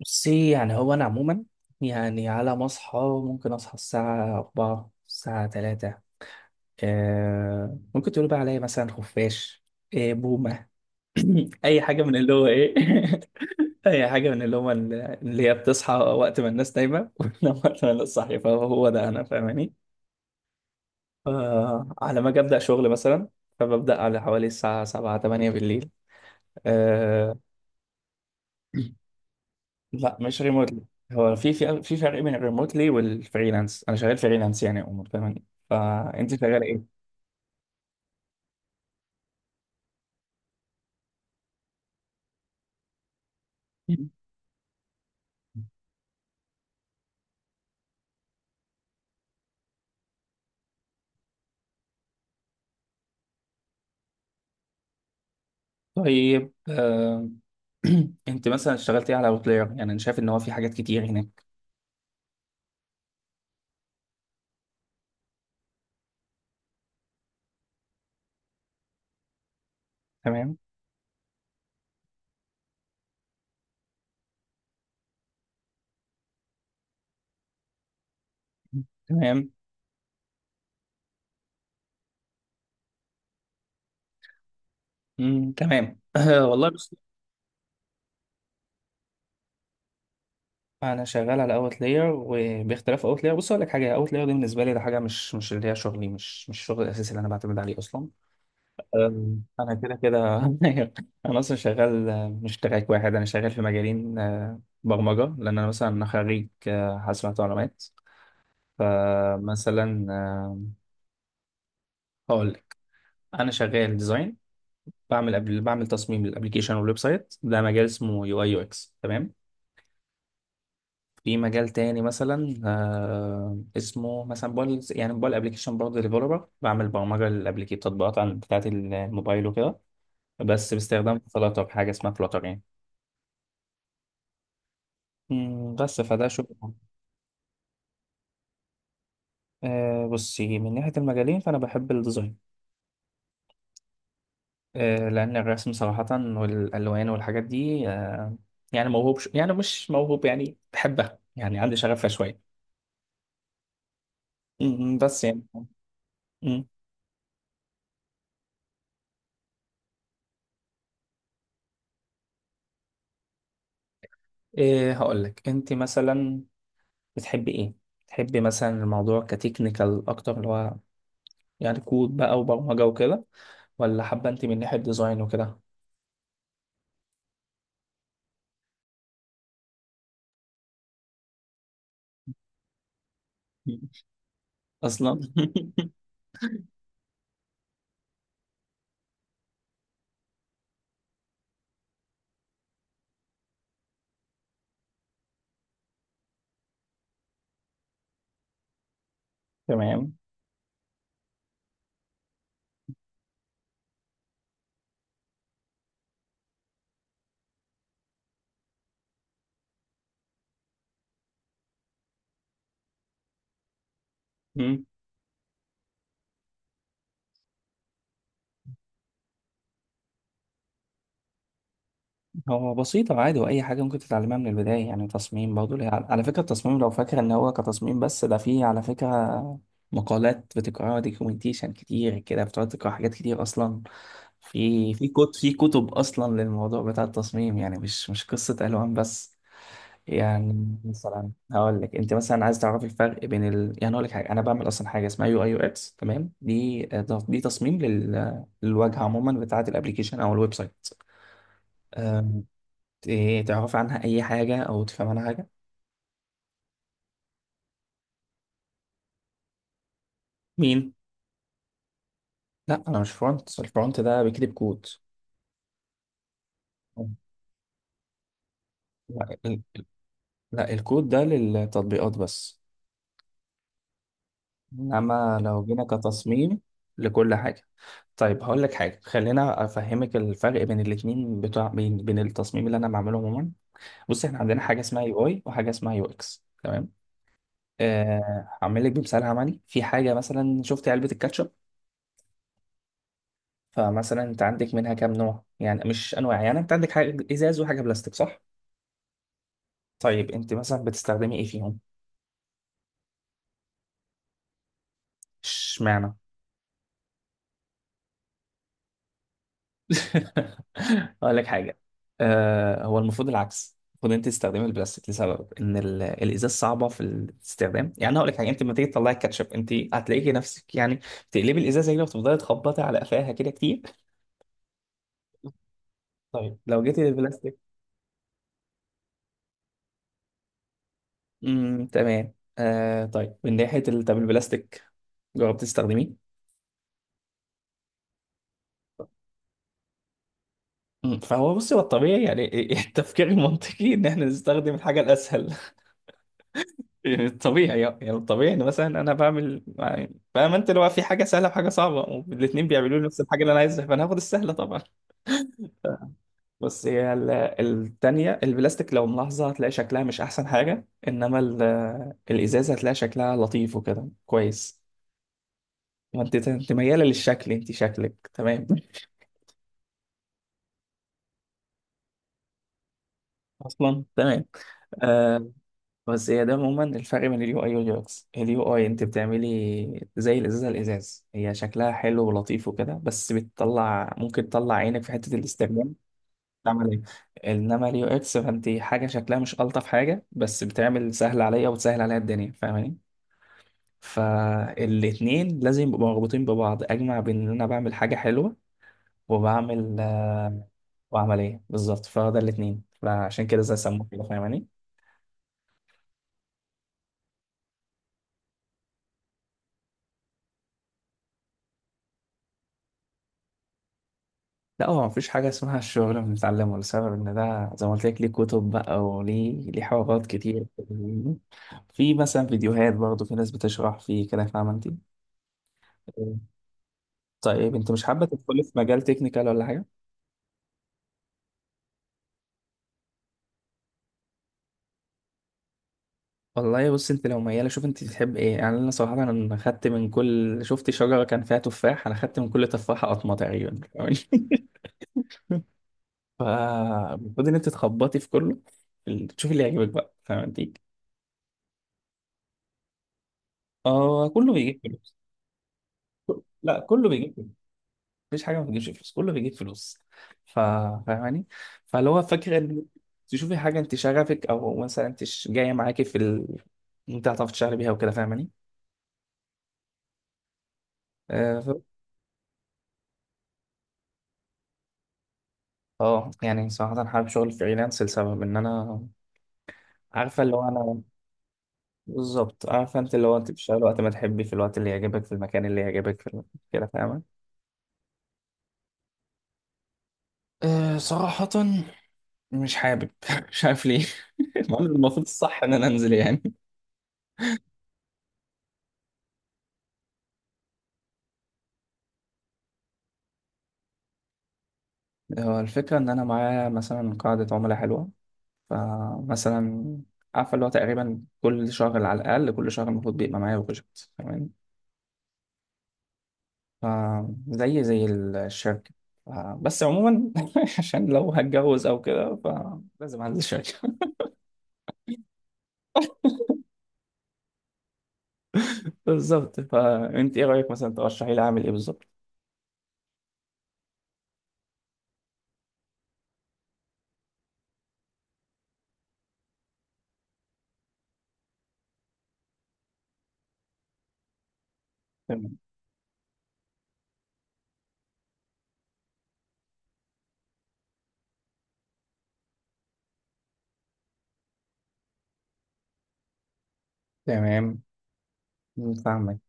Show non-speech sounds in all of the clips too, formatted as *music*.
بصي يعني هو أنا عموما يعني على ما أصحى ممكن أصحى الساعة أربعة الساعة تلاتة. آه ممكن تقولوا بقى عليا مثلا خفاش، آه بومة. *clears throat* *laughs* أي حاجة من اللي هو إيه. *laughs* أي حاجة من اللي هو اللي هي بتصحى وقت ما الناس نايمة *laughs* وتنام وقت ما الناس صاحية، فهو ده أنا، فاهماني؟ آه، على ما أجي أبدأ شغل مثلا فببدأ على حوالي الساعة سبعة تمانية بالليل. آه، لا مش ريموتلي. هو في فرق بين الريموتلي والفريلانس، انا شغال فريلانس يعني يا عمر، فاهمني؟ فانت شغاله ايه. طيب آه، *clears throat* انت مثلا اشتغلتي على اوتلاير؟ يعني انا شايف ان هو في حاجات كتير هناك. تمام. تمام. تمام. *clears throat* والله بص، انا شغال على اوتلاير، وباختلاف اوتلاير بص اقول لك حاجه، اوتلاير دي بالنسبه لي ده حاجه مش اللي هي شغلي، مش الشغل الاساسي اللي انا بعتمد عليه اصلا. انا كده كده. *laughs* انا اصلا شغال آه، مش تراك واحد، انا شغال في مجالين آه، برمجه لان انا مثلا خريج آه، حاسبات ومعلومات. فمثلا آه، هقول لك، انا شغال ديزاين، بعمل قبل بعمل تصميم للابلكيشن والويب سايت، ده مجال اسمه يو اي يو اكس تمام. في مجال تاني مثلا آه، اسمه مثلا موبايل، يعني موبايل ابلكيشن برضه ديفلوبر، بعمل برمجه للابلكيشن تطبيقات عن بتاعت الموبايل وكده، بس باستخدام فلاتر، حاجه اسمها فلاتر يعني. بس فده شغل. أه بصي، من ناحية المجالين فأنا بحب الديزاين. أه لأن الرسم صراحة والألوان والحاجات دي أه، يعني موهوب يعني مش موهوب يعني بحبها، يعني عندي شغفها شوية. بس يعني. مم. أه هقول لك، أنت مثلا بتحبي إيه؟ تحبي مثلا الموضوع كتكنيكال أكتر، اللي هو يعني كود بقى وبرمجة وكده؟ ولا حابة أنت من ناحية ديزاين وكده؟ مم. أصلا. *laughs* تمام. هو بسيطة عادي، وأي حاجة ممكن تتعلمها من البداية، يعني تصميم برضه على فكرة التصميم، لو فاكر إن هو كتصميم بس، ده فيه على فكرة مقالات بتقراها، دوكيومنتيشن كتير كده بتقعد تقرا حاجات كتير أصلا. في كتب في كتب أصلا للموضوع بتاع التصميم، يعني مش مش قصة ألوان بس. يعني مثلا هقول لك، أنت مثلا عايز تعرف الفرق بين يعني هقول لك حاجة، أنا بعمل أصلا حاجة اسمها يو أي يو إكس تمام. دي دي تصميم للواجهة عموما بتاعة الأبليكيشن أو الويب سايت. إيه تعرف عنها أي حاجة أو تفهم عنها حاجة؟ مين؟ لا أنا مش فرونت، الفرونت ده بيكتب كود. لا ال- لا، الكود ده للتطبيقات بس. إنما لو جينا كتصميم لكل حاجة. طيب هقول لك حاجة، خلينا أفهمك الفرق بين الاتنين بتوع، بين التصميم اللي أنا بعمله عموما. بص إحنا عندنا حاجة اسمها يو أي وحاجة اسمها يو إكس تمام. آه، هعمل لك بمثال عملي في حاجة، مثلا شفت علبة الكاتشب؟ فمثلا انت عندك منها كام نوع، يعني مش انواع، يعني انت عندك حاجه ازاز وحاجه بلاستيك صح؟ طيب انت مثلا بتستخدمي ايه فيهم؟ اشمعنى؟ *laughs* اقول لك حاجه، آه هو المفروض العكس، المفروض انت تستخدمي البلاستيك، لسبب ان الازاز صعبه في الاستخدام. يعني هقول لك حاجه، انت لما تيجي تطلعي الكاتشب انت هتلاقيكي نفسك يعني تقلبي الازازه كده وتفضلي تخبطي على قفاها كده كتير. طيب لو جيتي للبلاستيك. تمام آه، طيب من طب البلاستيك جربتي تستخدميه؟ مم. فهو بص، هو الطبيعي يعني *laughs* التفكير المنطقي ان احنا نستخدم الحاجه الاسهل. *laughs* يعني الطبيعي، يعني الطبيعي ان مثلا انا بعمل، يعني فاهم انت، اللي هو في حاجه سهله وحاجه صعبه، والاثنين بيعملوا لي نفس الحاجه اللي انا عايزها، فانا هاخد السهله طبعا. *laughs* بس هي التانية البلاستيك، لو ملاحظة هتلاقي شكلها مش أحسن حاجة، إنما الإزازة هتلاقي شكلها لطيف وكده كويس. ما أنت أنت ميالة للشكل، أنت شكلك تمام. *laughs* أصلا تمام. آه، بس هي ده عموما الفرق بين اليو اي واليو اكس. اليو اي انت بتعملي زي الازازه، الازاز هي شكلها حلو ولطيف وكده، بس بتطلع ممكن تطلع عينك في حته الاستخدام. تعمل ايه؟ انما اليو اكس، فانت حاجه شكلها مش الطف حاجه، بس بتعمل سهل عليا وتسهل عليا الدنيا، فاهماني؟ فالاتنين لازم يبقوا مربوطين ببعض، اجمع بين ان انا بعمل حاجه حلوه وبعمل آه، وعمليه بالظبط. فده الاتنين، فعشان كده زي سموه كده فاهماني. لا هو مفيش حاجة اسمها الشغل بنتعلمه، لسبب إن ده زي ما قلت لك، ليه كتب بقى، وليه حوارات كتير، في مثلا فيديوهات برضه، في ناس بتشرح فيه كده، فاهمة أنت. طيب أنت مش حابة تدخلي في مجال تكنيكال ولا حاجة؟ والله بص، أنت لو ميالة شوف أنت تحب إيه. يعني أنا صراحة أنا خدت من كل، شفت شجرة كان فيها تفاح أنا خدت من كل تفاحة قطمة تقريبا. *laughs* فالمفروض إن أنت تخبطي في كله، تشوفي اللي يعجبك بقى، فاهمة أنت؟ آه كله بيجيب فلوس. لا كله بيجيب، مفيش حاجه ما بتجيبش فلوس، كله بيجيب فلوس. ف- فاهماني؟ فاللي هو فاكره ان تشوفي حاجه انت شغفك، او مثلا انت جايه معاكي في انت هتعرفي تشتغلي بيها وكده، فاهماني؟ اه آه، يعني صراحه حابب شغل فريلانس لسبب ان انا عارفه اللي هو انا، بالظبط عارفه انت، اللي هو انت بتشتغلي وقت ما تحبي في الوقت اللي يعجبك في المكان اللي يعجبك في كده فاهمه. أه صراحة مش حابب، *laughs* مش عارف ليه. *laughs* مع إن المفروض الصح ان انا انزل يعني. هو الفكرة إن أنا معايا مثلا قاعدة عملاء حلوة، فمثلا عارفة اللي هو تقريبا كل شهر على الأقل، كل شهر المفروض بيبقى معايا بروجكت تمام. فزي زي الشركة. ف- بس عموما *laughs* عشان لو هتجوز أو كده فلازم أنزل الشركة. *laughs* بالظبط، فأنت إيه رأيك مثلا ترشحي لي أعمل إيه بالظبط؟ تمام. تمام. فاهمك.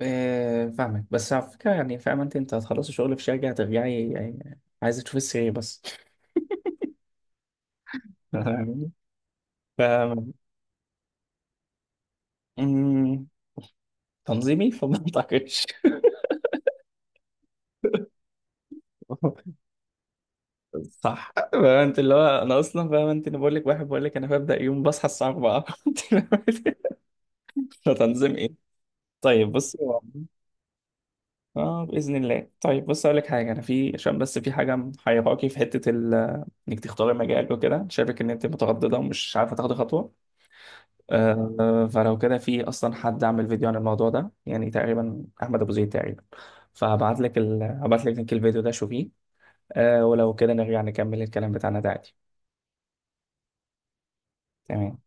آه، فاهمك، بس على فكرة يعني، فاهمة أنت، أنت هتخلصي شغل في شركة هترجعي يعني عايزة تشوفي السرير بس. *laughs* فاهمني؟ ف، أمم، تنظيمي فما أعتقدش. *laughs* صح. *laughs* فاهم انت، اللي هو انا اصلا فاهم انت، انا بقول لك واحد بقول لك انا ببدا يوم بصحى الساعه 4. *laughs* فتنظيم ايه؟ طيب بص. اه باذن الله، طيب بص اقول لك حاجه، انا في عشان بس في حاجه محيراكي في حته انك تختاري مجالك وكده، شايفك ان انت متردده ومش عارفه تاخدي خطوه. آه فلو كده، في اصلا حد عمل فيديو عن الموضوع ده، يعني تقريبا احمد ابو زيد تقريبا. فهبعت لك هبعت لك لينك الفيديو ده شوفيه. آه ولو كده نرجع نكمل الكلام بتاعنا ده عادي. تمام.